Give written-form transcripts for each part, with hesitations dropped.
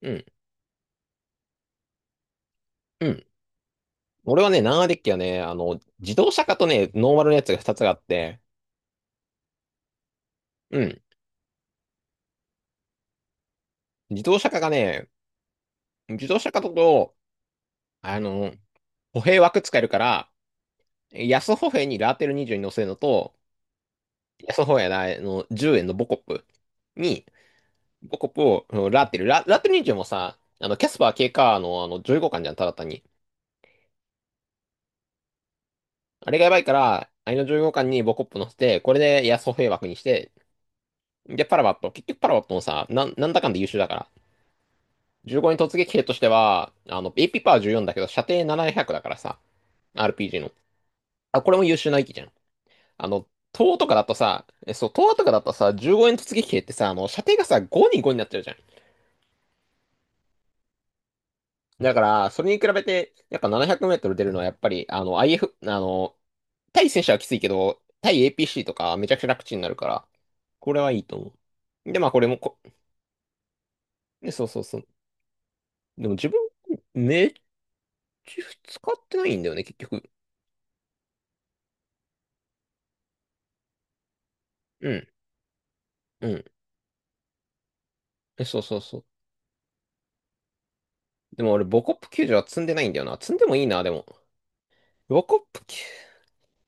うん。うん。俺はね、ナンアデッキはね、自動車化とね、ノーマルのやつが2つがあって、うん。自動車化がね、自動車化だと、あの、歩兵枠使えるから、安歩兵にラーテル20に乗せるのと、安歩兵のあの10円のボコップに、ボコップをラーテル20もさ、キャスパー K カーのあの15巻じゃん、ただ単に。あれがやばいから、あれの15巻にボコップ乗せて、これで安歩兵枠にして、で、パラバット。結局パラバットもさ、なんだかんだ優秀だから15に突撃兵としては、AP パワー14だけど、射程700だからさ、RPG の。あ、これも優秀な域じゃん。あの、東とかだとさ、そう、東とかだとさ、15円突撃兵ってさ、射程がさ、5に5になっちゃうじゃん。だから、それに比べて、やっぱ700メートル出るのは、やっぱり、IF、対戦車はきついけど、対 APC とかめちゃくちゃ楽ちんになるから、これはいいと思う。で、まあこれもこ、ねそうそうそう。でも自分、めっちゃ使ってないんだよね、結局。うん、うん。そうそうそう。でも俺、ボコップ90は積んでないんだよな。積んでもいいな、でも。ボコップ9、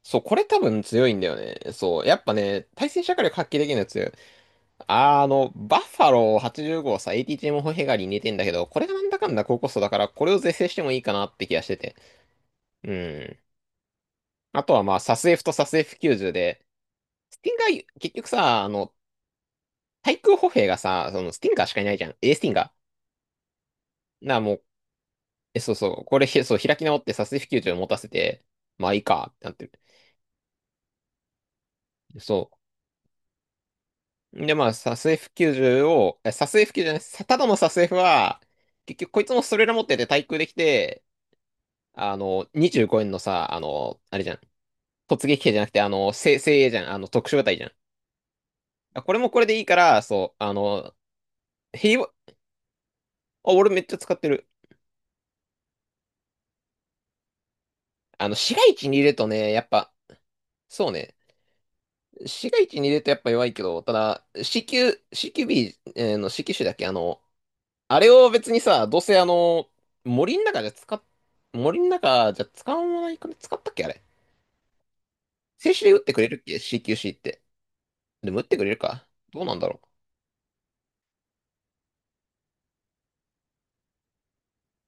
そう、これ多分強いんだよね。そう、やっぱね、対戦射火力発揮できるやつ。バッファロー85をさ、ATG モホヘガリに似てんだけど、これがなんだかんだ高コストだから、これを是正してもいいかなって気がしてて。うん。あとはまあ、サス F とサス F90 で、スティンガー、結局さ、対空歩兵がさ、そのスティンガーしかいないじゃん。A スティンガー。なあ、もう、そうそう、これ、そう、開き直ってサス F90 を持たせて、まあいいか、ってなってる。そう。で、まあ、サス F90 を、サス F90 じゅうじゃない、ただのサス F は、結局こいつもストレーラ持ってて対空できて、25円のさ、あれじゃん。突撃兵じゃなくて、精鋭じゃん。特殊部隊じゃん。これもこれでいいから、そう、平和、あ、俺めっちゃ使ってる。市街地に入れるとね、やっぱ、そうね。市街地に入れるとやっぱ弱いけど、ただ、CQ、CQB の CQ 種だっけあれを別にさ、どうせ森の中じゃ使っ、森の中じゃ使わないかね使ったっけあれ。静止で打ってくれるっけ？ CQC って。でも打ってくれるかどうなんだろ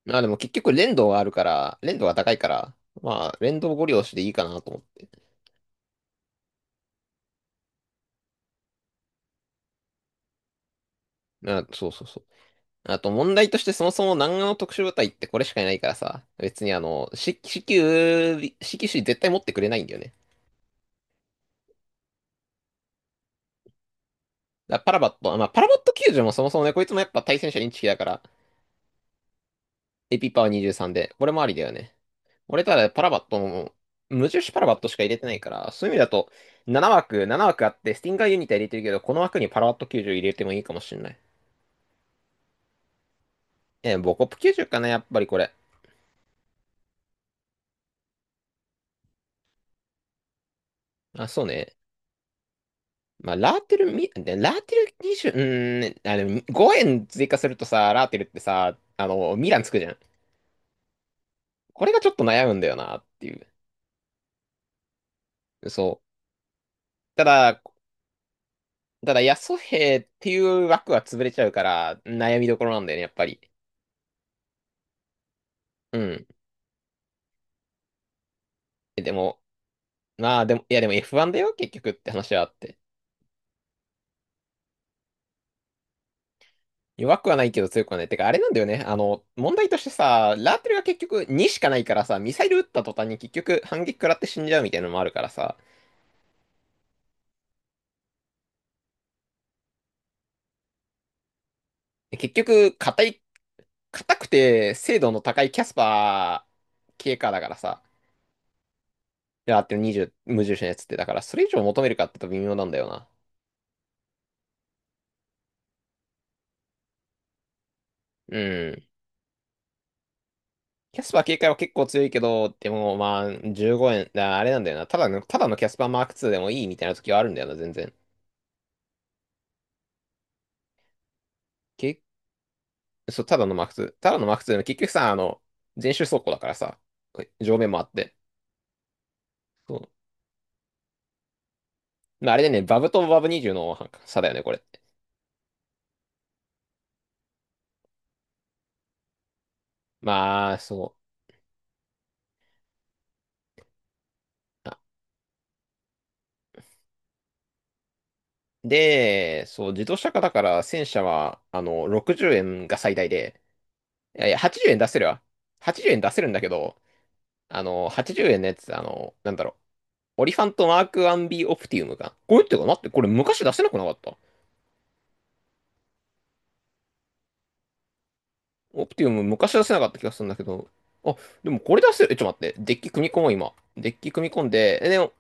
う。まあでも結局連動があるから、連動が高いから、まあ連動ご利用しでいいかなと思って。あ、そうそうそう。あと問題としてそもそも南岸の特殊部隊ってこれしかいないからさ、別にCQ、c シー絶対持ってくれないんだよね。だからパラバット、まあパラバット救助もそもそもね、こいつもやっぱ対戦車インチキだから、AP パワー23で、これもありだよね。俺ただパラバットも、無印パラバットしか入れてないから、そういう意味だと、7枠あって、スティンガーユニタ入れてるけど、この枠にパラバット90入れてもいいかもしれない。え、ボコップ90かな、やっぱりこれ。あ、そうね。まあ、ラーテルみ、でラーテル20、ね5円追加するとさ、ラーテルってさ、ミランつくじゃん。これがちょっと悩むんだよな、っていう。そう。ただ、ヤソヘっていう枠は潰れちゃうから、悩みどころなんだよね、やっぱり。うん。でも、まあでも、いやでも F1 だよ、結局って話はあって。弱くはないけど強くはない。てか、あれなんだよね。問題としてさ、ラーテルが結局2しかないからさ、ミサイル撃った途端に結局反撃食らって死んじゃうみたいなのもあるからさ、結局、硬くて精度の高いキャスパー系かだからさ、ラーテル20、無重視のやつって、だからそれ以上求めるかって言うと微妙なんだよな。うん。キャスパー警戒は結構強いけど、でもまあ、15円、だあれなんだよな。ただのキャスパーマーク2でもいいみたいな時はあるんだよな、全然。警そう、ただのマーク2。ただのマーク2の結局さ、全周走行だからさ、上面もあって。そう。まあ、あれでね、バブとバブ20の差だよね、これって。まあ、そう。で、そう、自動車化だから戦車は、60円が最大で、いやいや、80円出せるわ。80円出せるんだけど、80円のやつ、なんだろう。オリファントマーク 1B オプティウムか。これってかなって、これ昔出せなくなかったオプティウム昔出せなかった気がするんだけど。あ、でもこれ出せる。え、ちょっと待って。デッキ組み込もう、今。デッキ組み込んで。え、でも、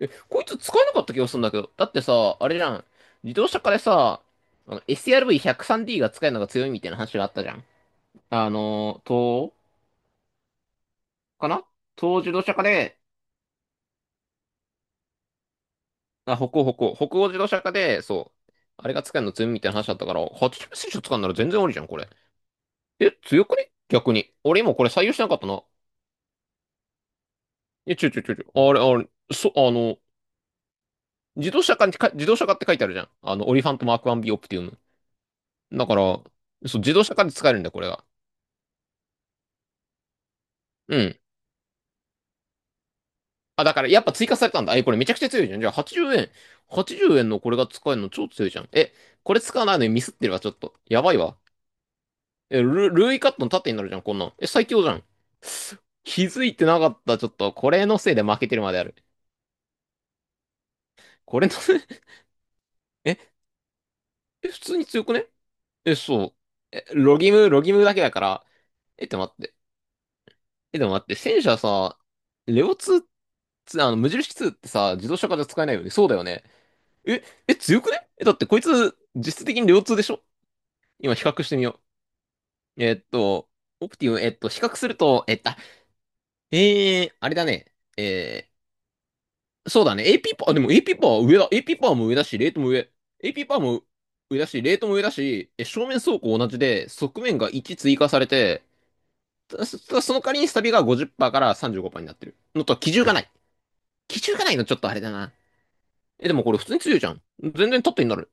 こいつ使えなかった気がするんだけど。だってさ、あれじゃん。自動車化でさ、SRV103D が使えるのが強いみたいな話があったじゃん。東欧かな東欧自動車化で、あ、北欧自動車化で、そう。あれが使えるの強いみたいな話だったから、80選手使うなら全然ありじゃん、これ。え、強くね逆に。俺今これ採用してなかったな。え、ちょちょちょちょ。あれ、あれ、そ、あの、自動車化って書いてあるじゃん。オリファントマーク 1B オプティウム。だから、そう、自動車化で使えるんだよ、これが。うん。あ、だから、やっぱ追加されたんだ。え、これめちゃくちゃ強いじゃん。じゃあ、80円のこれが使えるの超強いじゃん。え、これ使わないのにミスってるわ、ちょっと。やばいわ。え、ルーイカットの縦になるじゃん、こんなん。え、最強じゃん。気づいてなかった、ちょっと。これのせいで負けてるまである。これのせい、え、え、普通に強くねえ、そう。え、ロギムだけだから。え、って待って。え、でも待って、戦車さ、レオ2って、無印2ってさ、自動車化で使えないよね。そうだよね。強くねえ、だってこいつ、実質的にレオ2でしょ今比較してみよう。オプティム、比較すると、あれだね。そうだね。AP パワー、でも AP パワーは上だ。AP パワーも上だし、レートも上。AP パワーも上だし、レートも上だし、正面走行同じで、側面が1追加されて、その代わりにスタビが50%から35%になってる、のと、機銃がない。基準がないのちょっとあれだな。でもこれ普通に強いじゃん。全然縦になる。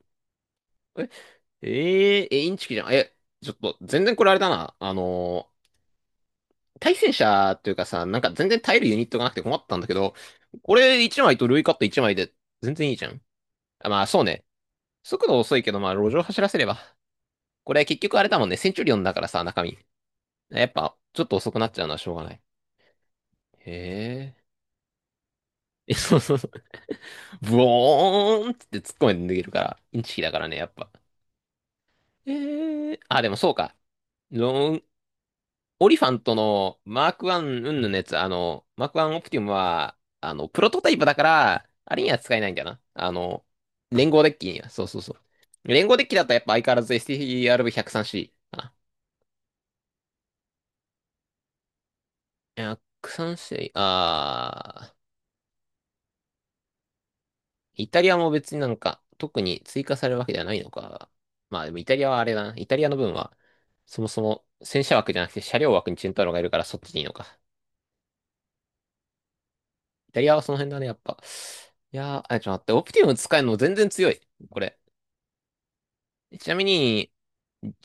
え、えー、え、インチキじゃん。ちょっと、全然これあれだな。対戦車っていうかさ、なんか全然耐えるユニットがなくて困ったんだけど、これ1枚とルイカット1枚で全然いいじゃん。あ、まあそうね。速度遅いけど、まあ路上走らせれば。これ結局あれだもんね。センチュリオンだからさ、中身。やっぱ、ちょっと遅くなっちゃうのはしょうがない。へえ。そうそうそう。ブオーンっって突っ込んで逃げるから、インチキだからね、やっぱ。でもそうか。ロン、オリファントのマークワンうんぬんのやつ、マークワンオプティムは、プロトタイプだから、あれには使えないんだよな。連合デッキには、そうそうそう。連合デッキだとやっぱ相変わらず STRV103C かな。103C、イタリアも別になんか、特に追加されるわけではないのか。まあでもイタリアはあれだな。イタリアの分は、そもそも戦車枠じゃなくて車両枠にチェンタロがいるからそっちでいいのか。イタリアはその辺だね、やっぱ。いやー、あ、ちょっと待って、オプティム使えるの全然強い。これ。ちなみに、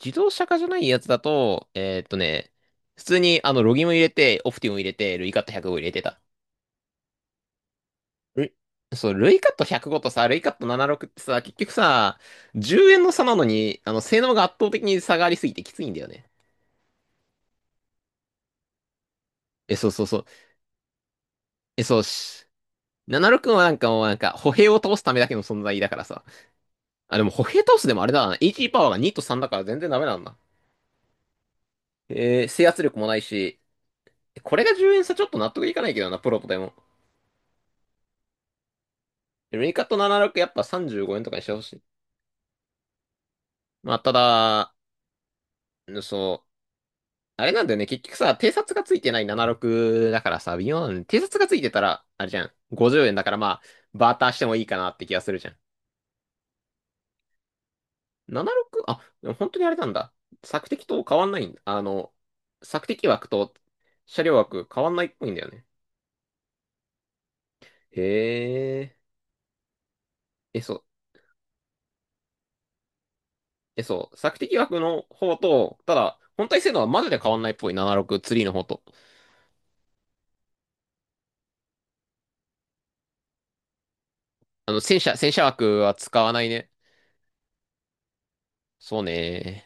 自動車化じゃないやつだと、普通にロギム入れて、オプティム入れて、ルイカット105入れてた。ルそう、ルイカット105とさ、ルイカット76ってさ、結局さ、10円の差なのに、性能が圧倒的に差がありすぎてきついんだよね。そうそうそう。え、そうし。76はなんかもうなんか、歩兵を倒すためだけの存在だからさ。あ、でも歩兵倒すでもあれだな。a ーパワーが2と3だから全然ダメなんだ。制圧力もないし、これが10円差ちょっと納得いかないけどな、プロとでも。ルイカット76やっぱ35円とかにしてほしい。まあ、ただ、うんそう、あれなんだよね、結局さ、偵察がついてない76だからさ、微妙なのね。偵察がついてたら、あれじゃん、50円だからまあ、バーターしてもいいかなって気がするじゃん。76？ あ、でも本当にあれなんだ。索敵と変わんないんだ。索敵枠と車両枠変わんないっぽいんだよね。へえ。そう。そう、索敵枠の方と、ただ、本体性能はマジで変わんないっぽい、7 6ーの方と。戦車枠は使わないね。そうね。